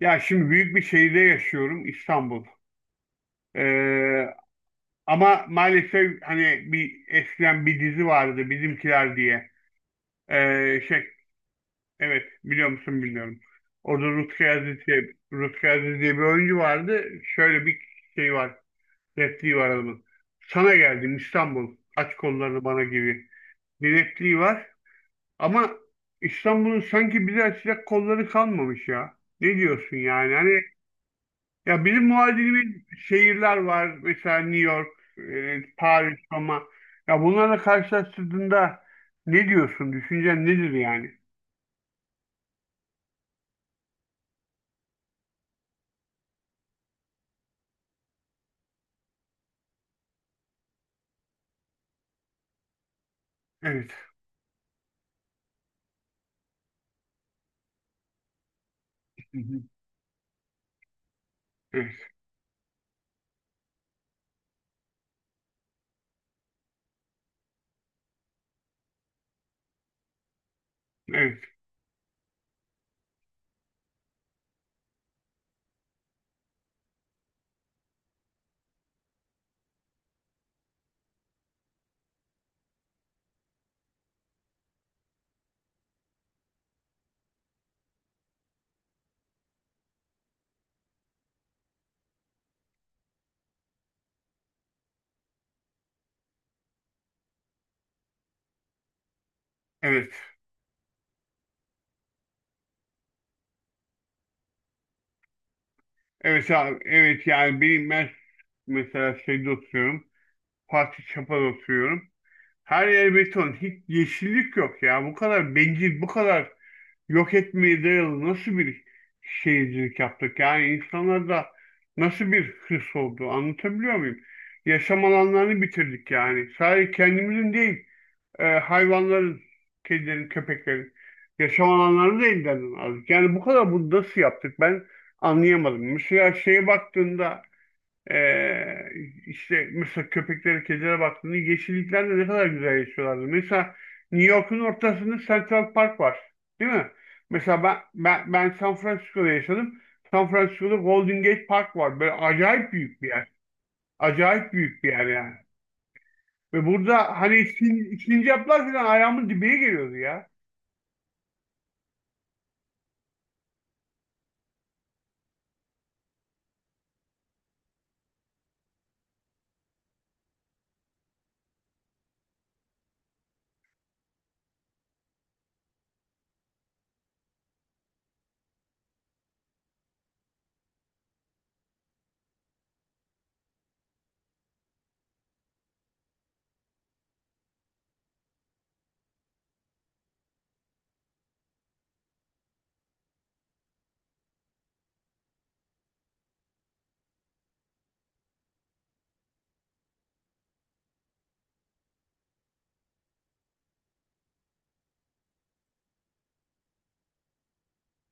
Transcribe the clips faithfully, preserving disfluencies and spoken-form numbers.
Ya şimdi büyük bir şehirde yaşıyorum İstanbul. Ee, ama maalesef hani bir eskiden bir dizi vardı Bizimkiler diye. Ee, şey evet biliyor musun bilmiyorum. Orada Rutkay Aziz diye, Rutkay Aziz diye bir oyuncu vardı. Şöyle bir şey var. Repliği var adamın. Sana geldim İstanbul. Aç kollarını bana gibi. Bir repliği var. Ama İstanbul'un sanki bize açacak kolları kalmamış ya. Ne diyorsun yani? Hani ya bizim muadili şehirler var. Mesela New York, e, Paris, Roma. Ya bunlarla karşılaştırdığında ne diyorsun? Düşüncen nedir yani? Evet. Hı hı. Evet. Evet. Evet. Evet abi. Evet yani benim ben mesela şeyde oturuyorum. Fatih Çapa'da oturuyorum. Her yer beton. Hiç yeşillik yok ya. Bu kadar bencil, bu kadar yok etmeye dayalı nasıl bir şeycilik yaptık? Yani insanlarda nasıl bir hırs oldu? Anlatabiliyor muyum? Yaşam alanlarını bitirdik yani. Sadece kendimizin değil, e, hayvanların, kedilerin, köpeklerin yaşam alanlarını da elden aldık. Yani bu kadar bunu nasıl yaptık? Ben anlayamadım. Mesela şeye baktığında ee, işte mesela köpeklere, kedilere baktığında yeşilliklerde ne kadar güzel yaşıyorlardı. Mesela New York'un ortasında Central Park var. Değil mi? Mesela ben, ben, ben San Francisco'da yaşadım. San Francisco'da Golden Gate Park var. Böyle acayip büyük bir yer. Acayip büyük bir yer yani. Ve burada hani sin, sincaplar falan ayağımın dibine geliyordu ya.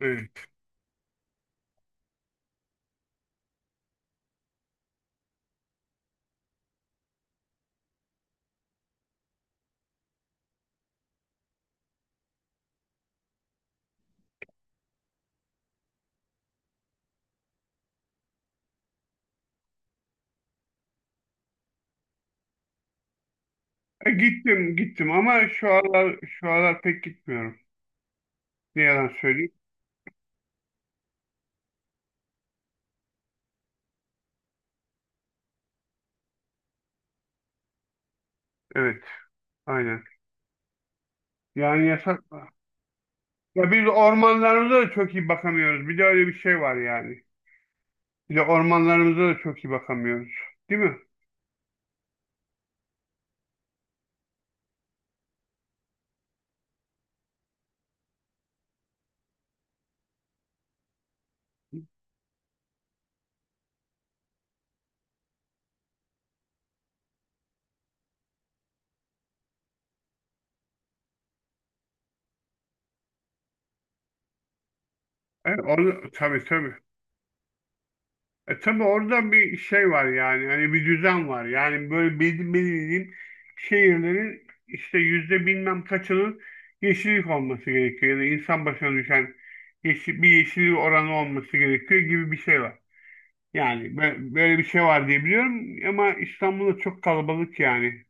Evet. E, gittim gittim ama şu aralar, şu aralar pek gitmiyorum. Ne yalan söyleyeyim. Evet, aynen. Yani yasak. Ya biz ormanlarımıza da çok iyi bakamıyoruz. Bir de öyle bir şey var yani. Bir de ormanlarımıza da çok iyi bakamıyoruz. Değil mi? E, orada, tabii tabii. E, tabii orada bir şey var yani. Hani bir düzen var. Yani böyle belli, belirlediğim şehirlerin işte yüzde bilmem kaçının yeşillik olması gerekiyor. Ya da insan başına düşen yeşil, bir yeşillik oranı olması gerekiyor gibi bir şey var. Yani bö- böyle bir şey var diye biliyorum ama İstanbul'da çok kalabalık yani.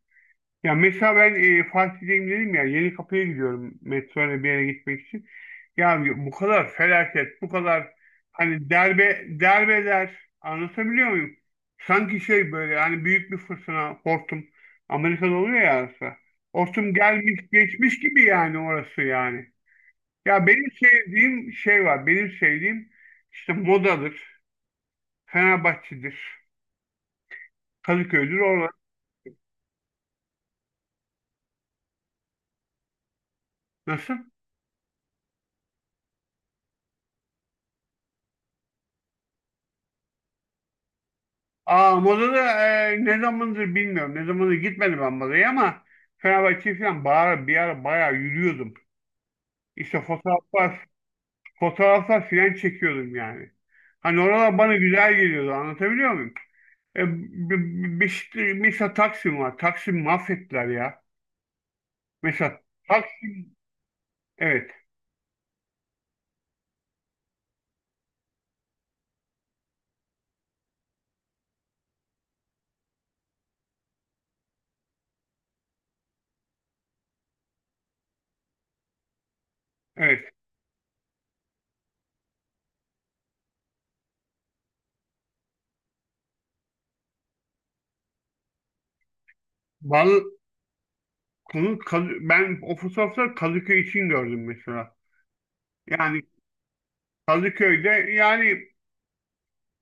Ya mesela ben e, Fatih'teyim dedim ya yeni kapıya gidiyorum metroyla bir yere gitmek için. Ya bu kadar felaket, bu kadar hani derbe derbeler anlatabiliyor muyum? Sanki şey böyle hani büyük bir fırtına hortum Amerika'da oluyor ya arası. Hortum gelmiş geçmiş gibi yani orası yani. Ya benim sevdiğim şey var. Benim sevdiğim işte Moda'dır, Fenerbahçe'dir, Kadıköy'dür orada. Nasıl? Aa Moda'da e, ne zamandır bilmiyorum. Ne zamandır gitmedim ben Moda'ya ama Fenerbahçe falan bağıra, bir ara bayağı yürüyordum. İşte fotoğraflar, fotoğraflar falan çekiyordum yani. Hani oralar bana güzel geliyordu anlatabiliyor muyum? E, b- b- Beşik- mesela Taksim var. Taksim mahvettiler ya. Mesela Taksim, evet evet. Bal, konu, Kadı- ben o fotoğrafları Kadıköy için gördüm mesela. Yani Kadıköy'de yani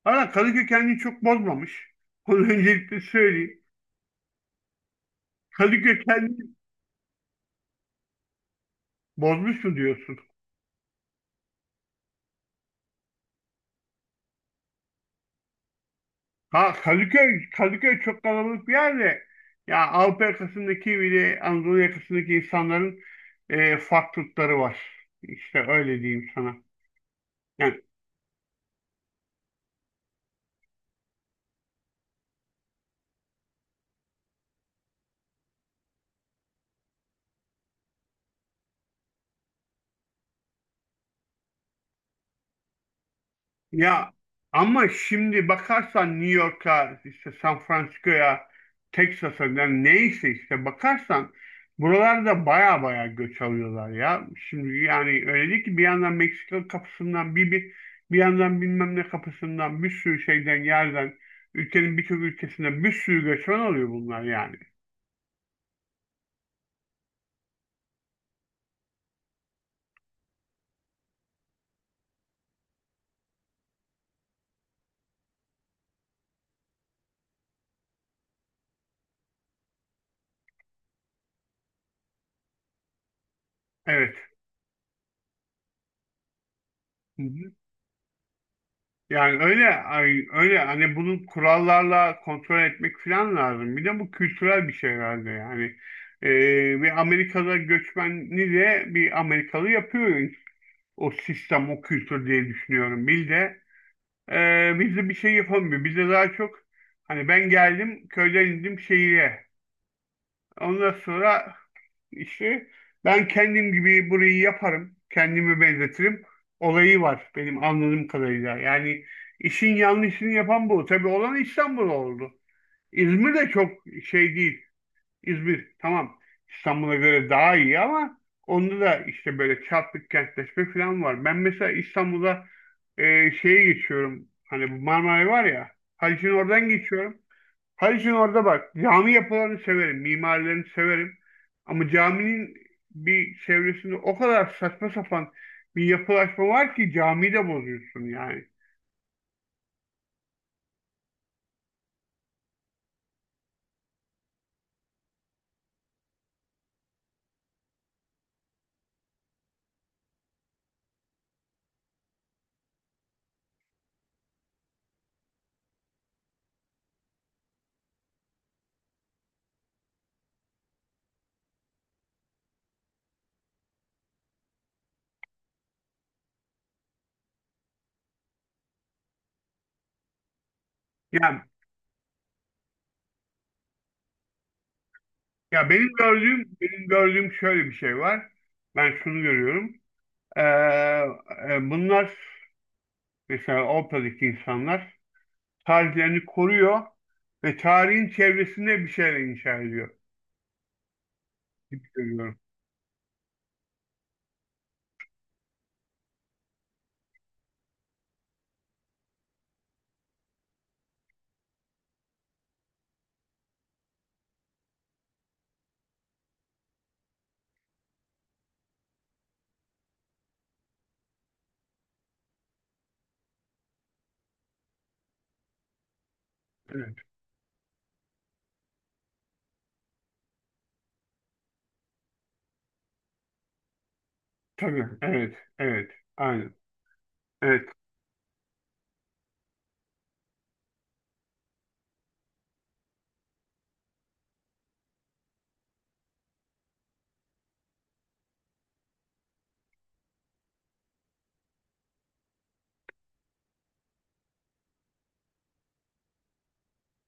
ama Kadıköy kendini çok bozmamış. Onu öncelikle söyleyeyim. Kadıköy kendini bozmuş mu diyorsun? Ha Kadıköy, Kadıköy çok kalabalık bir yer de ya Avrupa yakasındaki bile Anadolu yakasındaki insanların e, farklılıkları var. İşte öyle diyeyim sana. Yani ya ama şimdi bakarsan New York'a, işte San Francisco'ya, Texas'a yani neyse işte bakarsan buralarda baya baya göç alıyorlar ya. Şimdi yani öyle değil ki bir yandan Meksika kapısından bir, bir bir yandan bilmem ne kapısından bir sürü şeyden yerden ülkenin birçok ülkesinden bir sürü göçmen oluyor bunlar yani. Evet. Yani öyle ay- öyle hani bunu kurallarla kontrol etmek falan lazım. Bir de bu kültürel bir şey herhalde yani. Ee, bir Amerikalı göçmeni de bir Amerikalı yapıyor o sistem, o kültür diye düşünüyorum. Biz de e, biz bir şey yapamıyor. Bizde daha çok hani ben geldim köyden indim şehire. Ondan sonra işte ben kendim gibi burayı yaparım. Kendimi benzetirim. Olayı var benim anladığım kadarıyla. Yani işin yanlışını yapan bu. Tabii olan İstanbul oldu. İzmir de çok şey değil. İzmir tamam, İstanbul'a göre daha iyi ama onda da işte böyle çarpık kentleşme falan var. Ben mesela İstanbul'a e, şeye geçiyorum. Hani bu Marmaray var ya. Haliç'in oradan geçiyorum. Her gün orada bak. Cami yapılarını severim, mimarilerini severim. Ama caminin bir çevresinde o kadar saçma sapan bir yapılaşma var ki camiyi de bozuyorsun yani. Yani ya benim gördüğüm benim gördüğüm şöyle bir şey var. Ben şunu görüyorum. Ee, e, bunlar mesela Avrupa'daki insanlar tarihlerini koruyor ve tarihin çevresinde bir şeyler inşa ediyor gibi görüyorum. Evet. Tabii. Evet. Evet. Aynen. Evet.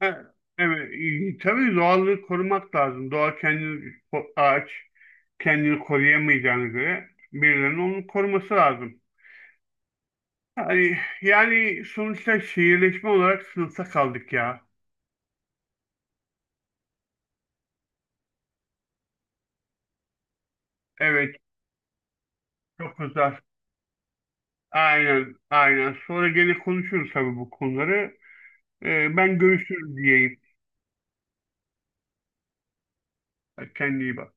Ha, evet, e, tabii doğallığı korumak lazım. Doğa kendini, ko- ağaç kendini koruyamayacağına göre birilerinin onu koruması lazım. Yani, yani sonuçta şehirleşme olarak sınıfta kaldık ya. Evet, çok uzak. Aynen, aynen. Sonra gene konuşuruz tabii bu konuları. Ee, ben görüşürüz diyeyim. Kendine iyi bak.